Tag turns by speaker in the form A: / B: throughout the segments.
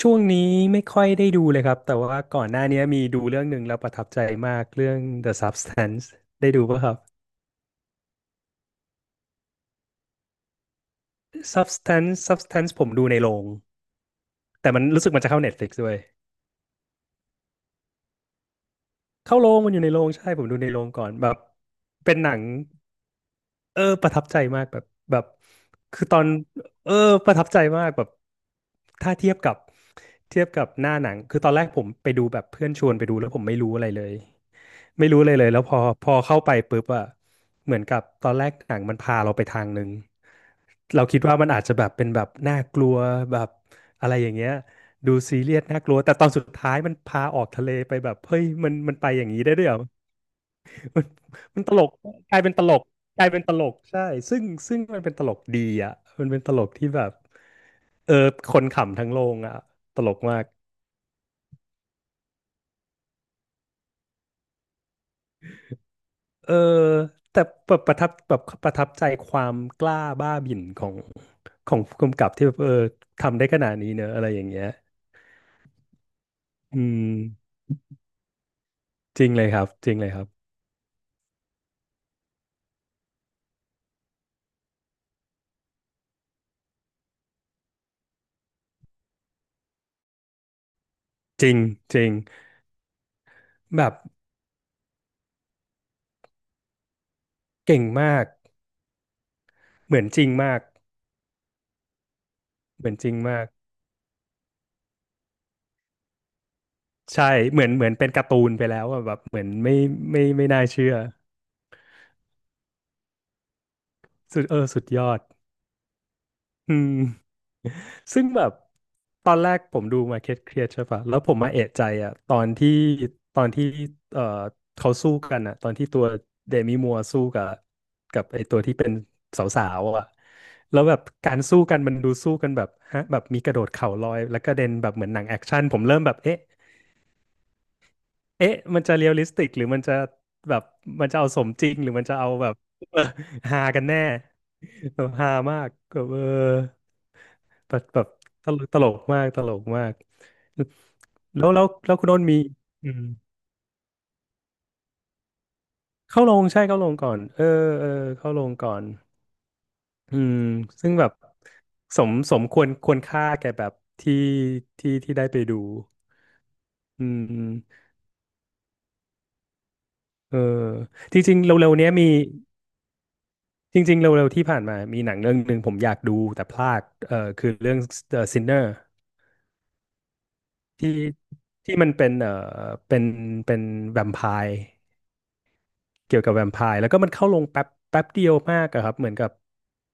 A: ช่วงนี้ไม่ค่อยได้ดูเลยครับแต่ว่าก่อนหน้านี้มีดูเรื่องหนึ่งแล้วประทับใจมากเรื่อง The Substance ได้ดูป่ะครับ Substance ผมดูในโรงแต่มันรู้สึกมันจะเข้า Netflix ด้วยเข้าโรงมันอยู่ในโรงใช่ผมดูในโรงก่อนแบบเป็นหนังประทับใจมากแบบแบบคือตอนเออประทับใจมากแบบถ้าเทียบกับเทียบกับหน้าหนังคือตอนแรกผมไปดูแบบเพื่อนชวนไปดูแล้วผมไม่รู้อะไรเลย ไม่รู้เลยเลยแล้วพอเข้าไปปุ๊บอะเหมือนกับตอนแรกหนังมันพาเราไปทางหนึ่งเราคิดว่ามันอาจจะแบบเป็นแบบน่ากลัวแบบอะไรอย่างเงี้ยดูซีเรียสน่ากลัวแต่ตอนสุดท้ายมันพาออกทะเลไปแบบเฮ้ยมันไปอย่างนี้ได้ด้วยเหรอมันมันตลกกลายเป็นตลกกลายเป็นตลกใช่ซึ่งซึ่งมันเป็นตลกดีอ่ะมันเป็นตลกที่แบบเออคนขำทั้งโรงอ่ะตลกมาก เออแต่แบบประทับใจความกล้าบ้าบิ่นของของผู้กำกับที่แบบทำได้ขนาดนี้เนอะอะไรอย่างเงี้ยอืมจริงเลยครับจริงเลยครับจริงจริงแบบเก่งมากเหมือนจริงมากเหมือนจริงมากใช่เหมือนเป็นการ์ตูนไปแล้วอะแบบเหมือนไม่ไม่น่าเชื่อสุดสุดยอดอืม ซึ่งแบบตอนแรกผมดู Market Create ใช่ปะแล้วผมมาเอะใจอ่ะตอนที่เอ่อเขาสู้กันอ่ะตอนที่ตัวเดมิมัวร์สู้กับกับไอตัวที่เป็นสาวๆอ่ะแล้วแบบการสู้กันมันดูสู้กันแบบฮะแบบมีกระโดดเข่าลอยแล้วกระเด็นแบบเหมือนหนังแอคชั่นผมเริ่มแบบเอ๊ะมันจะเรียลลิสติกหรือมันจะแบบมันจะเอาสมจริงหรือมันจะเอาแบบ เออฮากันแน่แบบฮามากแบบแบบตลกมากแล้วคุณโน้นมีอืมเข้าลงใช่เข้าลงก่อนเออเข้าลงก่อนอืมซึ่งแบบสมควรค่าแก่แบบที่ที่ที่ได้ไปดูอืมเออจริงๆเร็วๆเนี้ยมีจริงๆเร็วๆที่ผ่านมามีหนังเรื่องหนึ่งผมอยากดูแต่พลาดคือเรื่อง The Sinner ที่ที่มันเป็นเป็นเป็นแวมไพร์ เกี่ยวกับแวมไพร์แล้วก็มันเข้าลงแป๊บแป๊บเดียวมากอะครับเหมือนกับ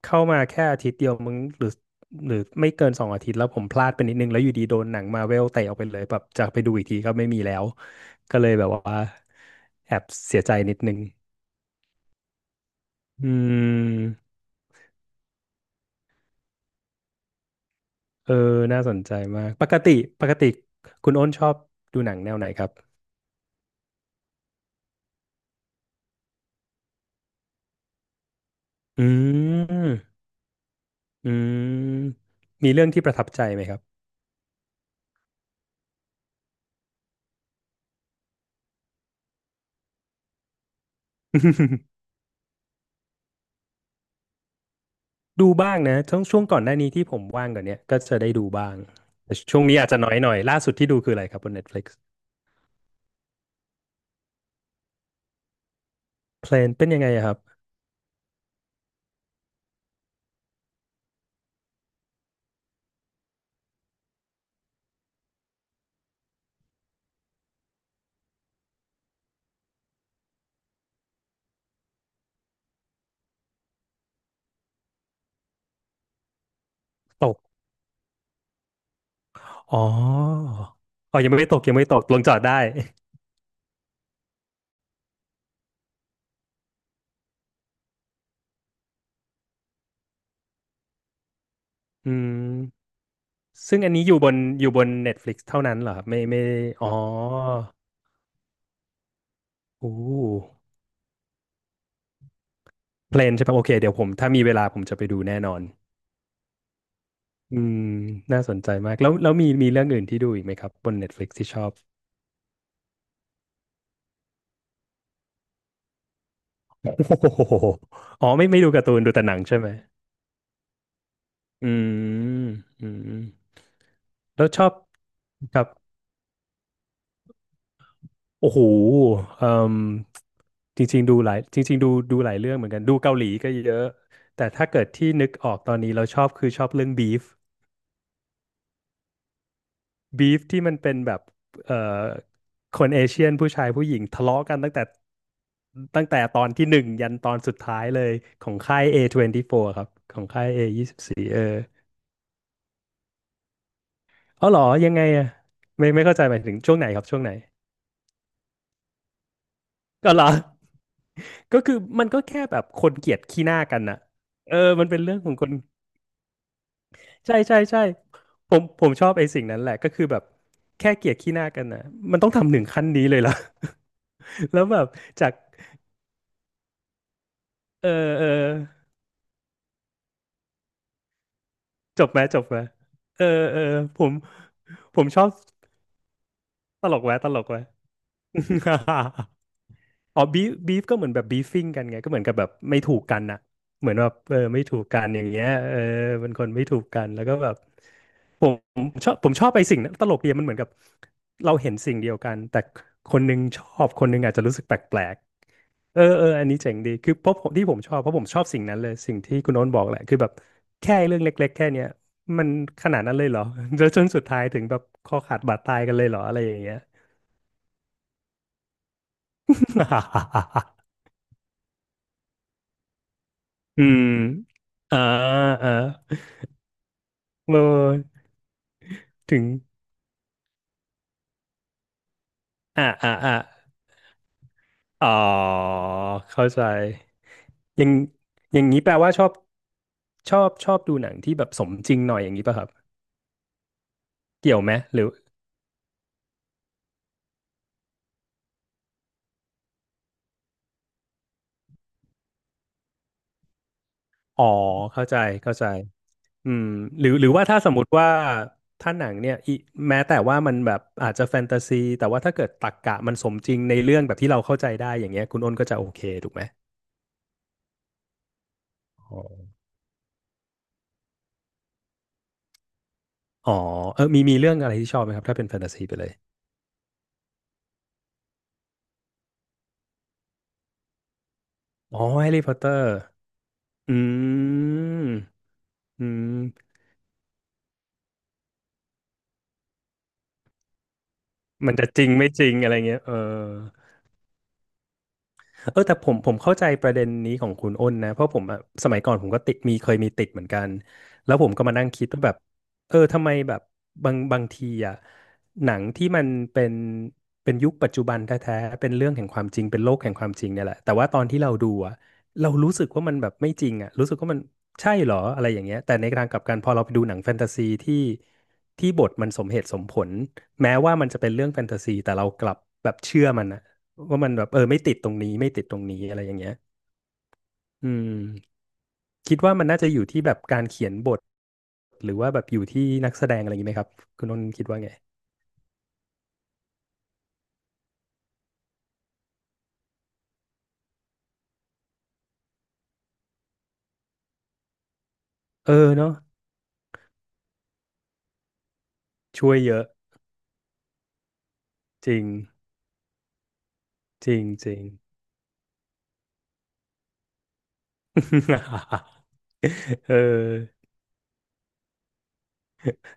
A: เข้ามาแค่อาทิตย์เดียวมึงหรือหรือไม่เกินสองอาทิตย์แล้วผมพลาดไปนิดนึงแล้วอยู่ดีโดนหนังมาเวลเตะออกไปเลยแบบจะไปดูอีกทีก็ไม่มีแล้วก็เลยแบบว่าแอบเสียใจนิดนึงอืมเออน่าสนใจมากปกติคุณอ้นชอบดูหนังแนวไหนครับอืมอืมมีเรื่องที่ประทับใจไหมครับ ดูบ้างนะช่วงก่อนหน้านี้ที่ผมว่างกว่อนเนี้ยก็จะได้ดูบ้างแต่ช่วงนี้อาจจะน้อยหน่อยล่าสุดที่ดูคืออะไรครับบน Netflix เพลนเป็นยังไงอะครับตกอ๋อยังไม่ตกยังไม่ตกลงจอดได้อืมซึ่งอันนี้อยู่บนอยู่บน Netflix เท่านั้นเหรอครับไม่ไม่อ๋อโอ้เพลนใช่ปะโอเคเดี๋ยวผมถ้ามีเวลาผมจะไปดูแน่นอนอืมน่าสนใจมากแล้วแล้วมีมีเรื่องอื่นที่ดูอีกไหมครับบน Netflix ที่ชอบ โอ้โหอ๋อไม่ดูการ์ตูนดูแต่หนังใช่ไหม อืมอืมแล้วชอบครับโอ้โหเอ่มจริงๆดูหลายจริงๆดูหลายเรื่องเหมือนกันดูเกาหลีก็เยอะแต่ถ้าเกิดที่นึกออกตอนนี้เราชอบคือชอบเรื่องบีฟบีฟที่มันเป็นแบบเอ่อคนเอเชียนผู้ชายผู้หญิงทะเลาะกันตั้งแต่ตอนที่หนึ่งยันตอนสุดท้ายเลยของค่าย A24 ครับของค่าย A24 อ๋อเหรอยังไงอะไม่เข้าใจหมายถึงช่วงไหนครับช่วงไหนก็เหรอ ก็คือมันก็แค่แบบคนเกลียดขี้หน้ากันน่ะเออมันเป็นเรื่องของคนใช่ผมชอบไอ้สิ่งนั้นแหละก็คือแบบแค่เกลียดขี้หน้ากันน่ะมันต้องทำถึงขั้นนี้เลยเหรอ แล้วแบบจากเออเออจบไหมจบไหมเออเออผมผมชอบตลกแว้ตลกแว้ อ๋อบีฟบีฟก็เหมือนแบบบีฟ i ิ g กันไงก็เหมือนกับแบบไม่ถูกกันน่ะเหมือนแบบไม่ถูกกันอย่างเงี้ยเป็นคนไม่ถูกกันแล้วก็แบบ ผมชอบไปสิ่งนั้นตลกดีมันเหมือนกับเราเห็นสิ่งเดียวกันแต่คนหนึงชอบคนหนึงอาจจะรู้สึกแปลกๆเอออันนี้เจ๋งดีคือเพราะผมที่ผมชอบเพราะผมชอบสิ่งนั้นเลยสิ่งที่คุณโน้นบอกแหละคือแบบแค่เรื่องเล็กๆแค่เนี้ยมันขนาดนั้นเลยเหรอแล้วจนสุดท้ายถึงแบบคอขาดบาดตายกันเลยเหรออะไรอย่างเงี้ย อืมอ่าอ่าเออถึงอ่าอ่าอ่าอ๋อเข้าใจ อย่างอย่างนี้แปลว่าชอบชอบดูหนังที่แบบสมจริงหน่อยอย่างนี้ป่ะครับเกี่ยวไหมหรืออ๋อเข้าใจเข้าใจอืมหรือว่าถ้าสมมติว่าถ้าหนังเนี่ยแม้แต่ว่ามันแบบอาจจะแฟนตาซีแต่ว่าถ้าเกิดตรรกะมันสมจริงในเรื่องแบบที่เราเข้าใจได้อย่างเงี้ยคุณอ้นก็จะโอเคถูกไหมอ๋ออ๋อเออมีเรื่องอะไรที่ชอบไหมครับถ้าเป็นแฟนตาซีไปเลยอ๋อแฮร์รี่พอตเตอร์อืมอืมมันจะจริงไม่จริงอะไรเงี้ยเออ เออแต่ผมเข้าใจประเด็นนี้ของคุณอ้นนะเพราะผมอะสมัยก่อนผมก็ติดมีเคยมีติดเหมือนกันแล้วผมก็มานั่งคิดว่าแบบเออทำไมแบบบางทีอะหนังที่มันเป็นเป็นยุคปัจจุบันแท้ๆเป็นเรื่องแห่งความจริงเป็นโลกแห่งความจริงเนี่ยแหละแต่ว่าตอนที่เราดูอะเรารู้สึกว่ามันแบบไม่จริงอะรู้สึกว่ามันใช่เหรออะไรอย่างเงี้ยแต่ในทางกลับกันพอเราไปดูหนังแฟนตาซีที่บทมันสมเหตุสมผลแม้ว่ามันจะเป็นเรื่องแฟนตาซีแต่เรากลับแบบเชื่อมันอะ ว่ามันแบบเออไม่ติดตรงนี้ไม่ติดตรงนี้อะไรอย่างเงี้ยอืมคิดว่ามันน่าจะอยู่ที่แบบการเขียนบทหรือว่าแบบอยู่ที่นักแสดงอะไรอย่างงี้ไหมครับคุณนนท์คิดว่าไงเออเนาะช่วยเยอะจริงจริงจริง เออ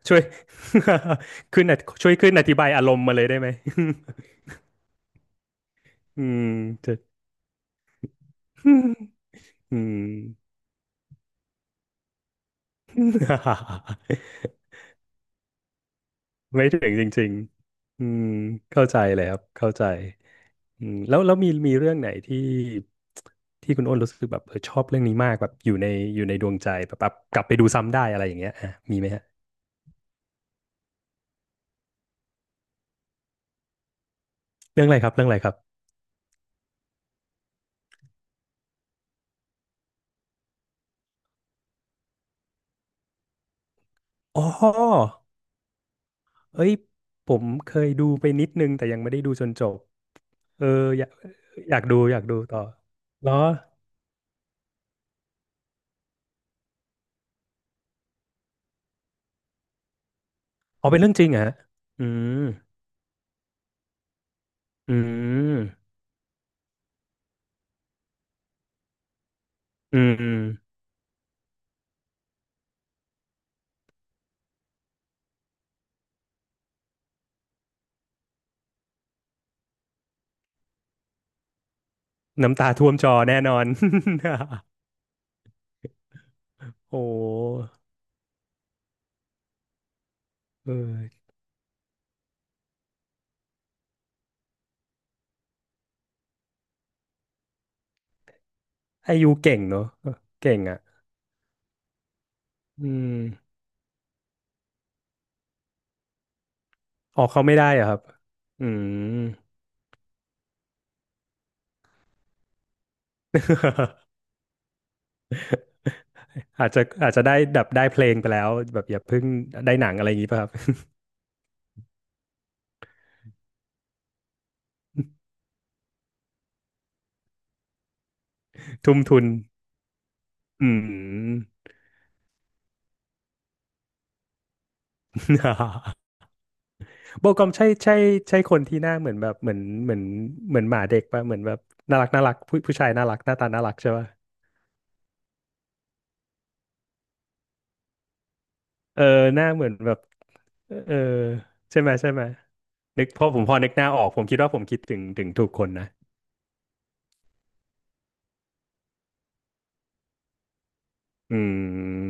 A: ช่วย ขึ้นช่วยขึ้นอธิบายอารมณ์มาเลยได้ไหม อืม จะอืม ไม่ถึงจริงๆอืมเข้าใจเลยครับเข้าใจ อืมแล้วมีเรื่องไหนที่คุณอ้นรู้สึกแบบเออชอบเรื่องนี้มากแบบอยู่ในดวงใจแบบแบบกลับไปดูซ้ำได้อะไรอย่างเงี้ยอ่ะมีไหมฮะเรื่องอะไรครับเรื่องอะไรครับอ๋อเอ้ยผมเคยดูไปนิดนึงแต่ยังไม่ได้ดูจนจบเอออยากอยากดูต่อเหรออ๋อเป็นเรื่องจริงเหรอฮะอืมอืมอืมอืมน้ำตาท่วมจอแน่นอน โอ้โหเออไอยูเก่งเนอะเก่งอ่ะอืม ออกเขาไม่ได้อะครับ อืม อาจจะได้แบบได้เพลงไปแล้วแบบอย่าเพิ่งได้หนังอะไรอย่างนี้ป่ะครับ ทุ่มทุน อืม โบกอมใช่ใช่ใช่คนที่หน้าเหมือนแบบเหมือนเหมือนหมาเด็กป่ะเหมือนแบบน่ารักน่ารักผู้ชายน่ารักหน้าตาน่ารักใช่ป่ะเออหน้าเหมือนแบบเออใช่ไหมนึกพอผมนึกหน้าออกผมคิดว่าผมคิดถึงถูกคนนะ อื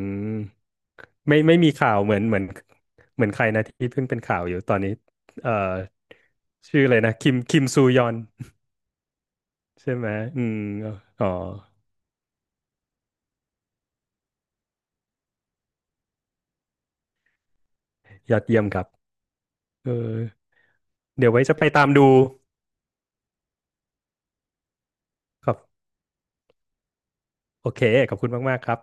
A: มไม่มีข่าวเหมือนเหมือนใครนะที่เพิ่งเป็นข่าวอยู่ตอนนี้เอ่อชื่ออะไรนะคิมซูยอน ใช่ไหมอืมอ๋อยอดเยี่ยมครับเออเดี๋ยวไว้จะไปตามดูครับโอเคขอบคุณมากๆครับ